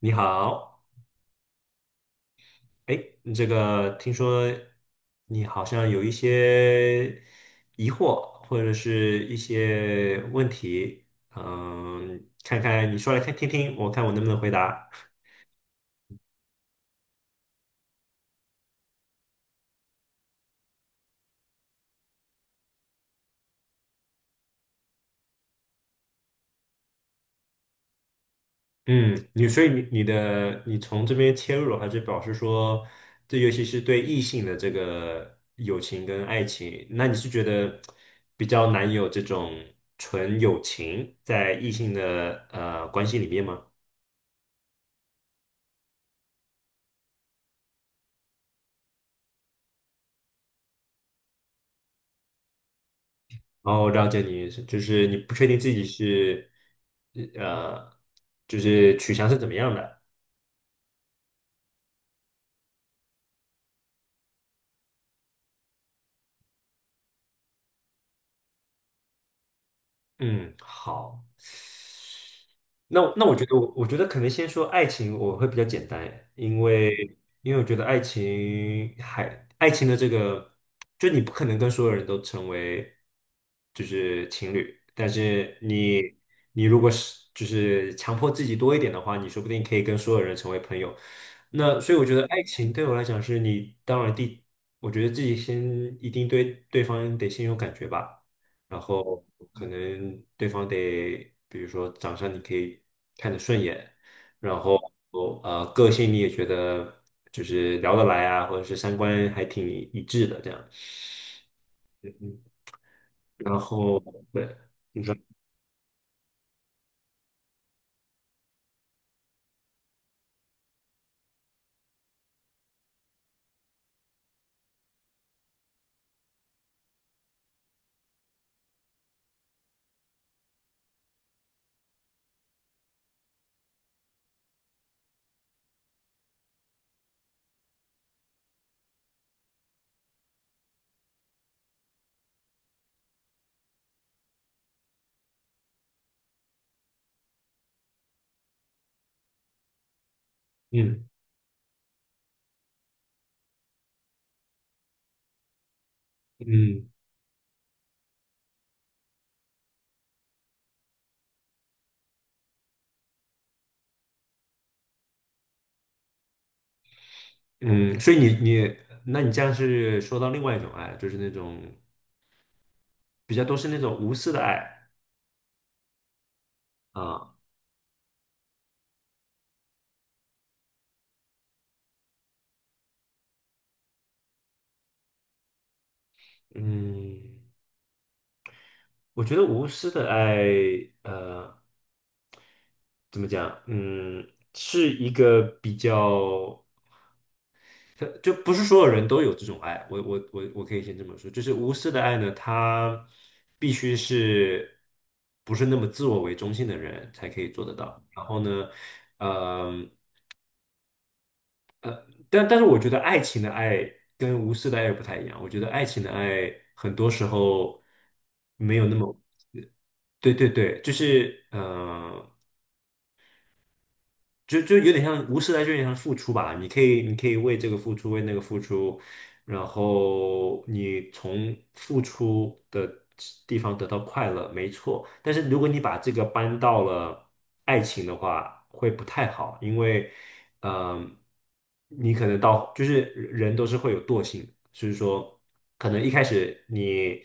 你好，哎，这个听说你好像有一些疑惑或者是一些问题，嗯，看看你说来看听听，我看我能不能回答。嗯，你所以你你的你从这边切入，还是表示说，这尤其是对异性的这个友情跟爱情，那你是觉得比较难有这种纯友情在异性的呃关系里面吗？哦，我了解你的意思就是你不确定自己是，呃，就是取向是怎么样的。嗯，好。那我觉得可能先说爱情，我会比较简单，因为我觉得爱情的这个，就你不可能跟所有人都成为就是情侣，但是你如果是就是强迫自己多一点的话，你说不定可以跟所有人成为朋友。那所以我觉得爱情对我来讲是你当然第，我觉得自己先一定对对方得先有感觉吧。然后可能对方得，比如说长相你可以看得顺眼，然后个性你也觉得就是聊得来啊，或者是三观还挺一致的这样，嗯，然后对，你说，嗯嗯嗯，所以你你，那你这样是说到另外一种爱，就是那种比较都是那种无私的爱啊，嗯，我觉得无私的爱，呃。怎么讲？嗯，是一个比较，就不是所有人都有这种爱。我可以先这么说，就是无私的爱呢，它必须是不是那么自我为中心的人才可以做得到。然后呢，嗯，但是我觉得爱情的爱跟无私的爱不太一样。我觉得爱情的爱很多时候没有那么，对对对，就是嗯。就有点像无私，来，就有点像付出吧。你可以，你可以为这个付出，为那个付出，然后你从付出的地方得到快乐，没错。但是如果你把这个搬到了爱情的话，会不太好，因为，嗯、你可能到就是人都是会有惰性，所以说，可能一开始你，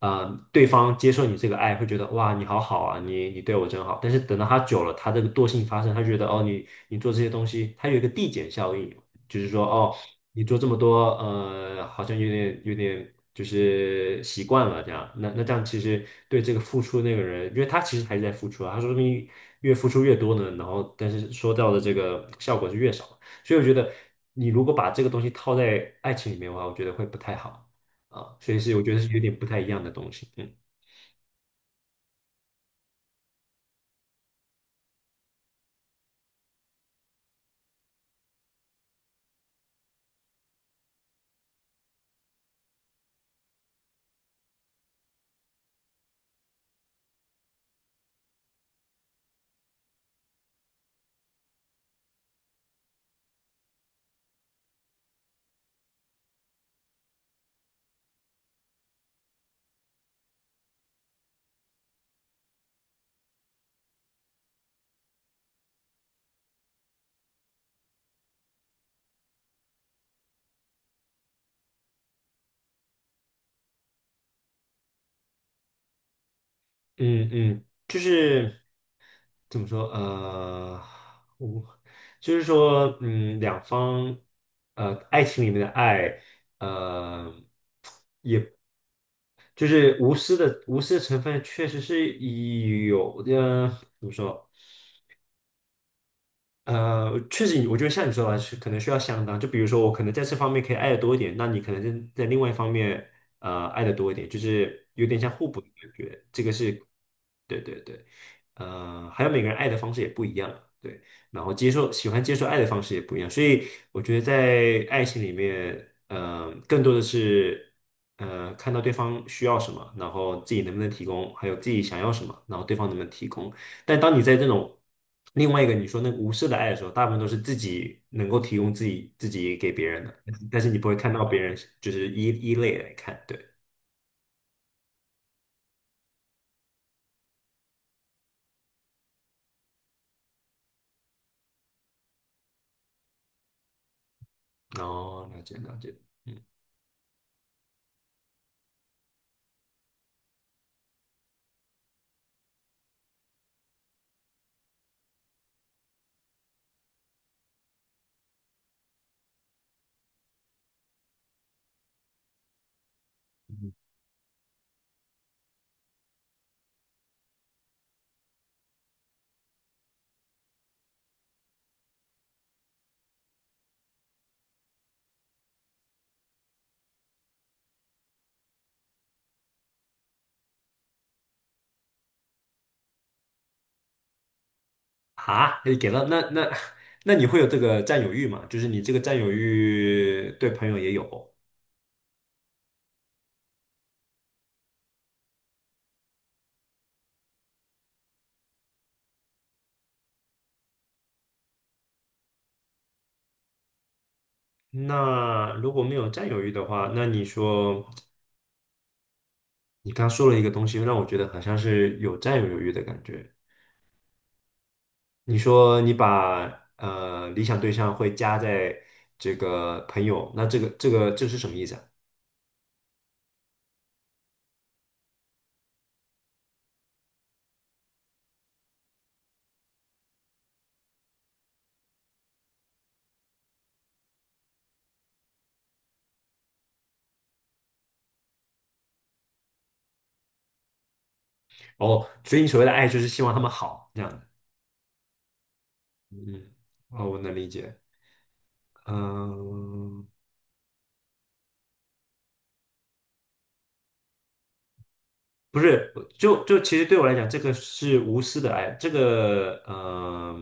对方接受你这个爱，会觉得哇，你好好啊，你对我真好。但是等到他久了，他这个惰性发生，他觉得哦，你你做这些东西，它有一个递减效应，就是说哦，你做这么多，好像有点就是习惯了这样。那这样其实对这个付出那个人，因为他其实还是在付出啊，他说不定越付出越多呢，然后但是收到的这个效果是越少。所以我觉得你如果把这个东西套在爱情里面的话，我觉得会不太好啊。所以是我觉得是有点不太一样的东西。嗯嗯嗯，就是。怎么说？我就是说，嗯，两方，爱情里面的爱，呃，也就是无私的成分，确实是有的。怎么说？确实，我觉得像你说的，是可能需要相当。就比如说，我可能在这方面可以爱的多一点，那你可能在另外一方面，爱的多一点，就是有点像互补的感觉。这个是对对对，还有每个人爱的方式也不一样，对，然后接受喜欢接受爱的方式也不一样，所以我觉得在爱情里面，更多的是看到对方需要什么，然后自己能不能提供，还有自己想要什么，然后对方能不能提供。但当你在这种另外一个你说那个无私的爱的时候，大部分都是自己能够提供自己给别人的，但是你不会看到别人就是一一类来看，对，然后了解了解。嗯啊，你给了那那那你会有这个占有欲吗？就是你这个占有欲对朋友也有。那如果没有占有欲的话，那你说你刚说了一个东西，让我觉得好像是有占有欲的感觉。你说你把理想对象会加在这个朋友，那这是什么意思啊？哦，所以你所谓的爱就是希望他们好这样的。嗯，哦，我能理解。嗯，不是，就其实对我来讲，这个是无私的爱，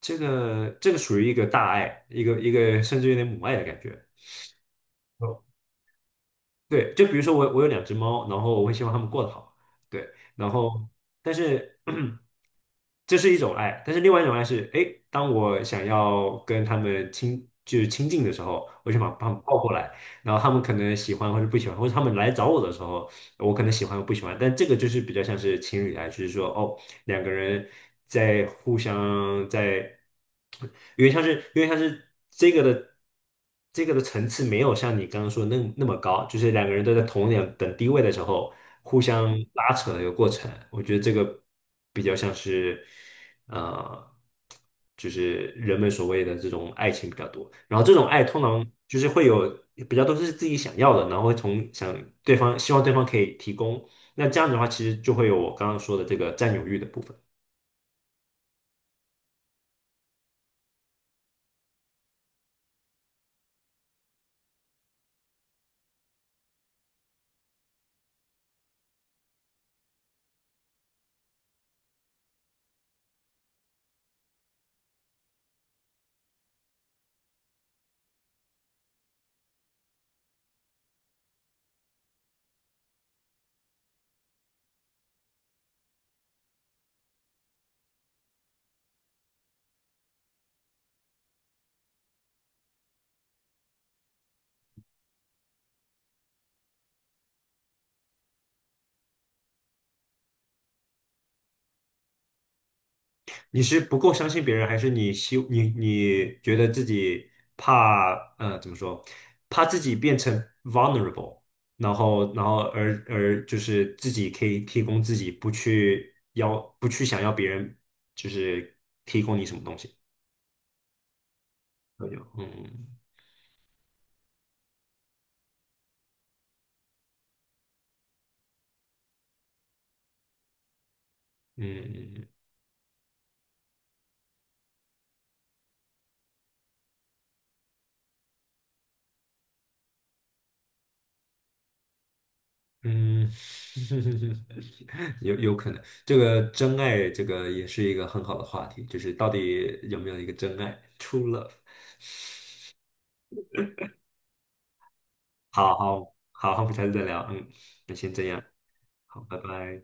这个属于一个大爱，一个甚至有点母爱的感觉。哦对，就比如说我有两只猫，然后我会希望它们过得好，对，然后但是 这是一种爱，但是另外一种爱是，哎，当我想要跟它们就是亲近的时候，我就把它们抱过来，然后它们可能喜欢或者不喜欢，或者它们来找我的时候。我可能喜欢我不喜欢，但这个就是比较像是情侣啊，就是说哦，两个人在互相在，因为像是这个的层次没有像你刚刚说那么高，就是两个人都在同等地位的时候互相拉扯的一个过程，我觉得这个比较像是呃。就是人们所谓的这种爱情比较多。然后这种爱通常就是会有比较多是自己想要的，然后会从想对方希望对方可以提供。那这样子的话，其实就会有我刚刚说的这个占有欲的部分。你是不够相信别人，还是你希你觉得自己怕怎么说，怕自己变成 vulnerable，然后就是自己可以提供自己，不去想要别人就是提供你什么东西。都有，嗯嗯，可能，这个真爱，这个也是一个很好的话题，就是到底有没有一个真爱 （true love）。好好好，我们下次再聊，嗯，那先这样，好，拜拜。